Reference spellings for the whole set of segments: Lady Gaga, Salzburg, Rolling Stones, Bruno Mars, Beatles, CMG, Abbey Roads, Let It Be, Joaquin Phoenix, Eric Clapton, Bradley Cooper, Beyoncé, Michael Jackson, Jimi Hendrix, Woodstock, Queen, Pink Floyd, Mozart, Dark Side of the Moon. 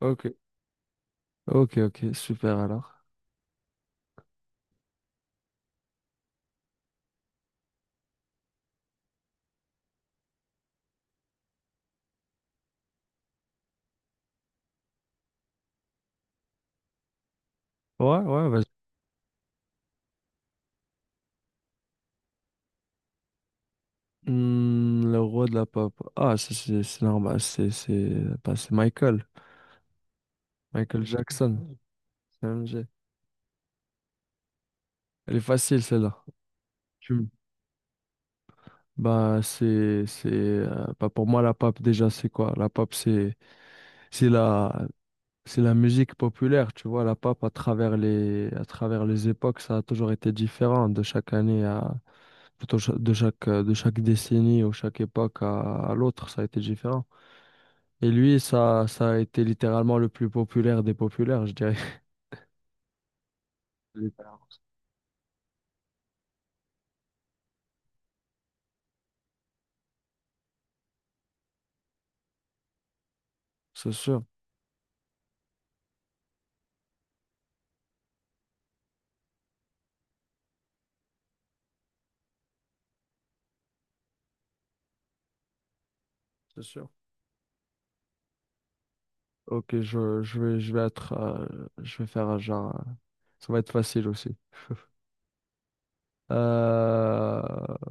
Ok, ok, ok, super alors. Ouais, ouais, vas-y. Hmm, le roi de la pop. Ah, c'est normal, c'est bah, c'est Michael. Michael Jackson, CMG. Elle est facile celle-là. Tu me- Bah, c'est bah, pour moi la pop déjà c'est quoi? La pop c'est c'est la c'est la musique populaire, tu vois, la pop à travers les époques, ça a toujours été différent de chaque année à plutôt de chaque décennie ou chaque époque à l'autre, ça a été différent. Et lui, ça a été littéralement le plus populaire des populaires, je dirais. Littéralement. C'est sûr, c'est sûr. Ok, je vais être, je vais faire un genre, ça va être facile aussi. Euh,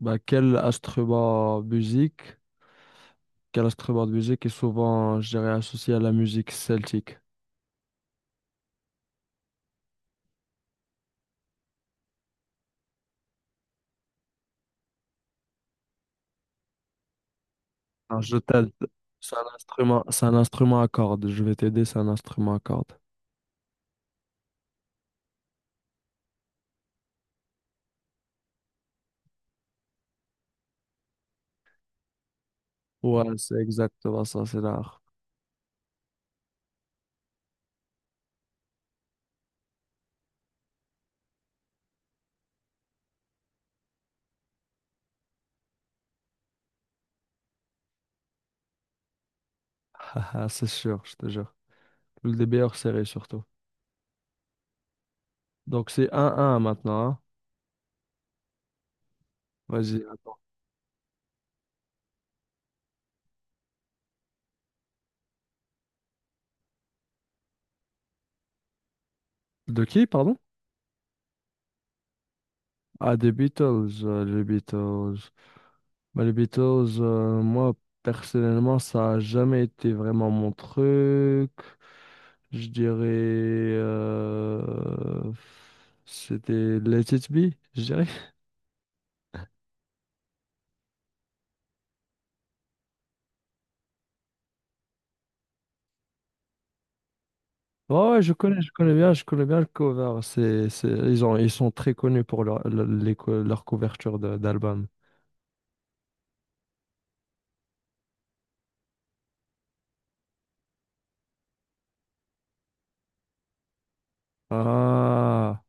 bah, quel instrument de musique est souvent, je dirais, associé à la musique celtique? Alors, je t'aide. C'est un instrument à cordes. Je vais t'aider, c'est un instrument à cordes. Ouais, c'est exactement ça, c'est l'art. C'est sûr, je te jure. Le meilleures séries surtout. Donc c'est un maintenant, hein. Vas-y, attends. De qui, pardon? Ah, des Beatles, les Beatles. Bah, les Beatles, moi, personnellement, ça a jamais été vraiment mon truc. Je dirais... c'était Let It Be, je dirais. Ouais, ouais, je connais bien le cover. Ils ont, ils sont très connus pour leur, le- les co- leur couverture d'album. Ah,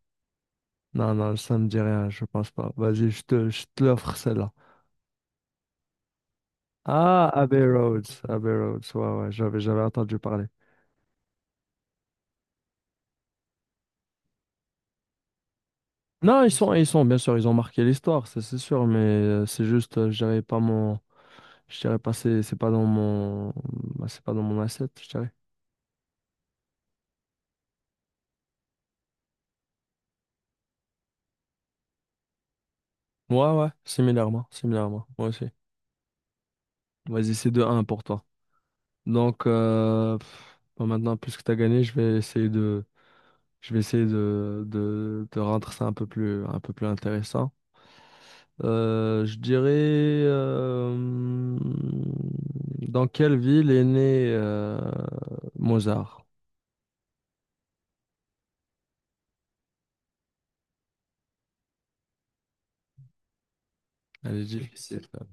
non, non, ça me dit rien, je pense pas. Vas-y, je te l'offre celle-là. Ah, Abbey Roads, Abbey Roads, ouais, ouais, j'avais, j'avais entendu parler. Non, ils sont, bien sûr, ils ont marqué l'histoire, ça c'est sûr, mais c'est juste, je dirais pas mon, je dirais pas, c'est pas dans mon, bah, c'est pas dans mon asset, je dirais. Ouais, ouais, similairement, similairement, moi aussi. Vas-y, c'est deux un pour toi. Donc, pff, bon, maintenant, puisque tu as gagné, je vais essayer de, de rendre ça un peu plus intéressant. Je dirais, dans quelle ville est né Mozart? Allez-y. Difficile. Celle-là.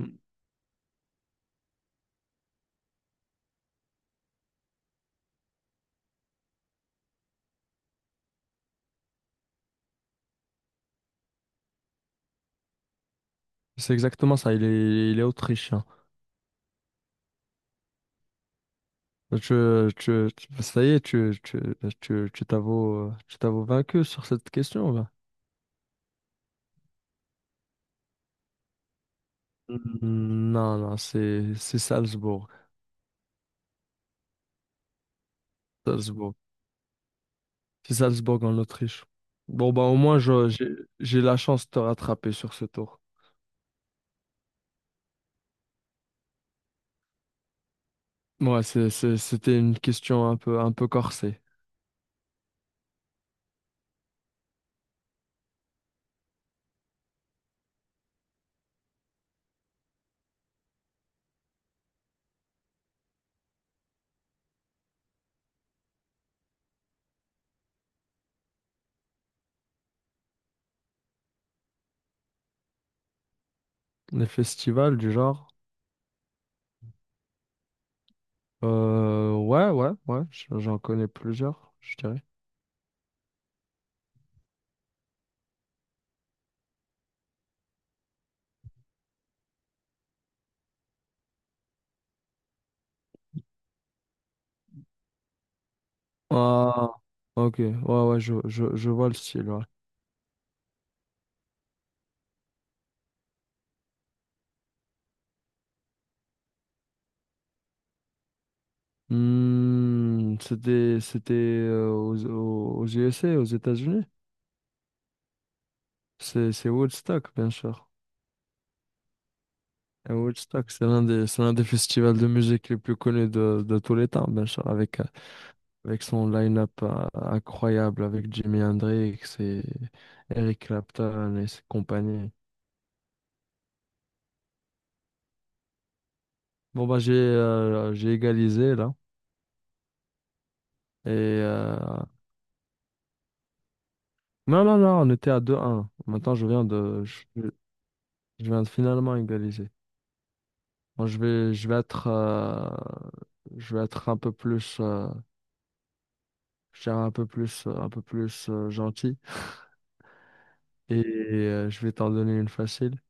Mm. C'est exactement ça, il est autrichien. Tu, ça y est, tu t'avoues vaincu sur cette question, là. Mm, Non, non, c'est Salzbourg. Salzbourg. C'est Salzbourg en Autriche. Bon, bah au moins, j'ai la chance de te rattraper sur ce tour. Ouais, c'était une question un peu corsée. Les festivals du genre. Ouais, ouais, ouais, j'en connais plusieurs, je dirais. Ah, ok. Ouais, ouais, je vois le style, ouais. Hmm, c'était aux, aux USA, aux États-Unis. C'est Woodstock, bien sûr. Et Woodstock, c'est l'un des festivals de musique les plus connus de tous les temps, bien sûr, avec, avec son line-up incroyable, avec Jimi Hendrix et Eric Clapton et ses compagnies. Bon, bah, j'ai égalisé, là. Et, non, non, non, on était à deux un. Maintenant, je viens de finalement égaliser. Bon, je vais être un peu plus, je dirais un peu plus gentil et je vais t'en donner une facile.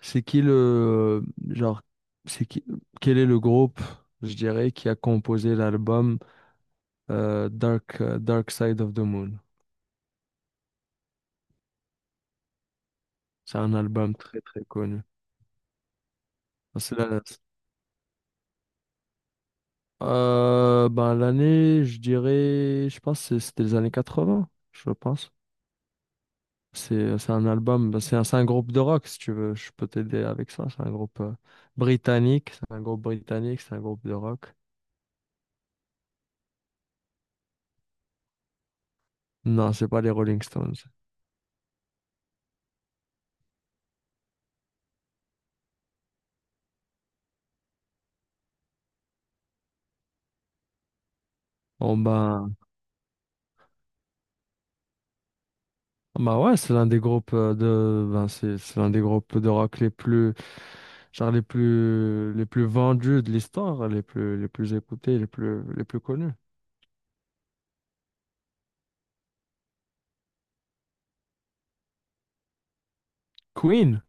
C'est qui le, genre, c'est qui, quel est le groupe, je dirais, qui a composé l'album Dark Side of the Moon? C'est un album très très connu. C'est la- ben, l'année, je dirais, je pense que c'est- c'était les années 80, je pense. C'est un groupe de rock, si tu veux, je peux t'aider avec ça. C'est un groupe britannique, c'est un groupe britannique, c'est un groupe de rock. Non, c'est pas les Rolling Stones. Bon ben, bah ouais, c'est l'un des groupes de, ben c'est l'un des groupes de rock les plus, genre les plus vendus de l'histoire, les plus écoutés, les plus connus. Queen.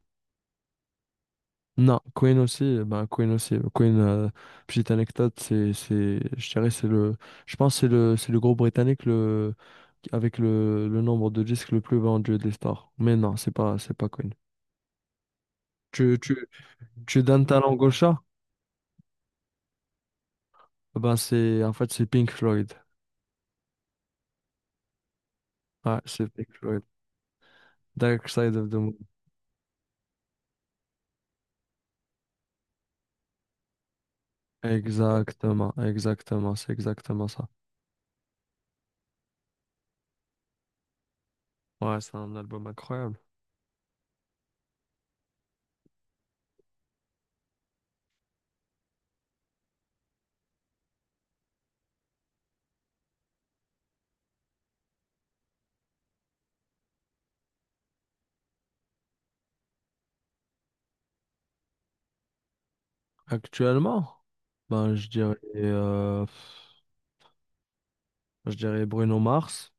Non, Queen aussi, ben Queen aussi. Queen, petite anecdote, je dirais, c'est le, je pense que c'est le groupe britannique le, avec le nombre de disques le plus vendu de l'histoire. Mais non, c'est pas Queen. Tu, tu, tu donnes ta langue au chat? Ben c'est, en fait, c'est Pink Floyd. Ouais, c'est Pink Floyd. Dark Side of the Moon. Exactement, exactement, c'est exactement ça. Ouais, c'est un album incroyable. Actuellement, ben je dirais Bruno Mars.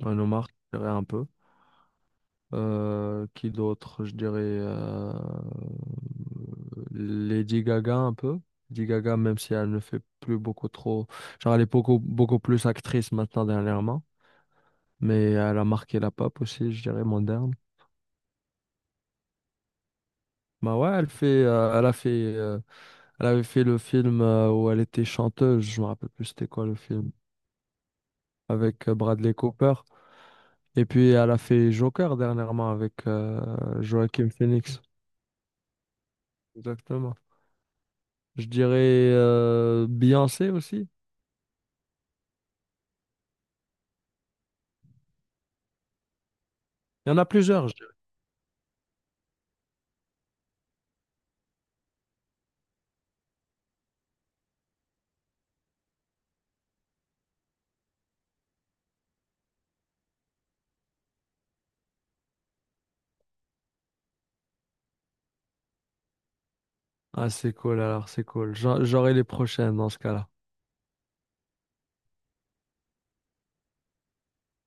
Nomar, je dirais un peu. Qui d'autre? Je dirais Lady Gaga un peu. Lady Gaga, même si elle ne fait plus beaucoup trop. Genre, elle est beaucoup, beaucoup plus actrice maintenant dernièrement. Mais elle a marqué la pop aussi, je dirais, moderne. Bah ouais, elle a fait, elle avait fait le film où elle était chanteuse. Je me rappelle plus c'était quoi le film. Avec Bradley Cooper. Et puis, elle a fait Joker dernièrement avec Joaquin Phoenix. Exactement. Je dirais Beyoncé aussi. Il y en a plusieurs, je dirais. Ah, c'est cool alors, c'est cool. J'aurai les prochaines dans ce cas-là.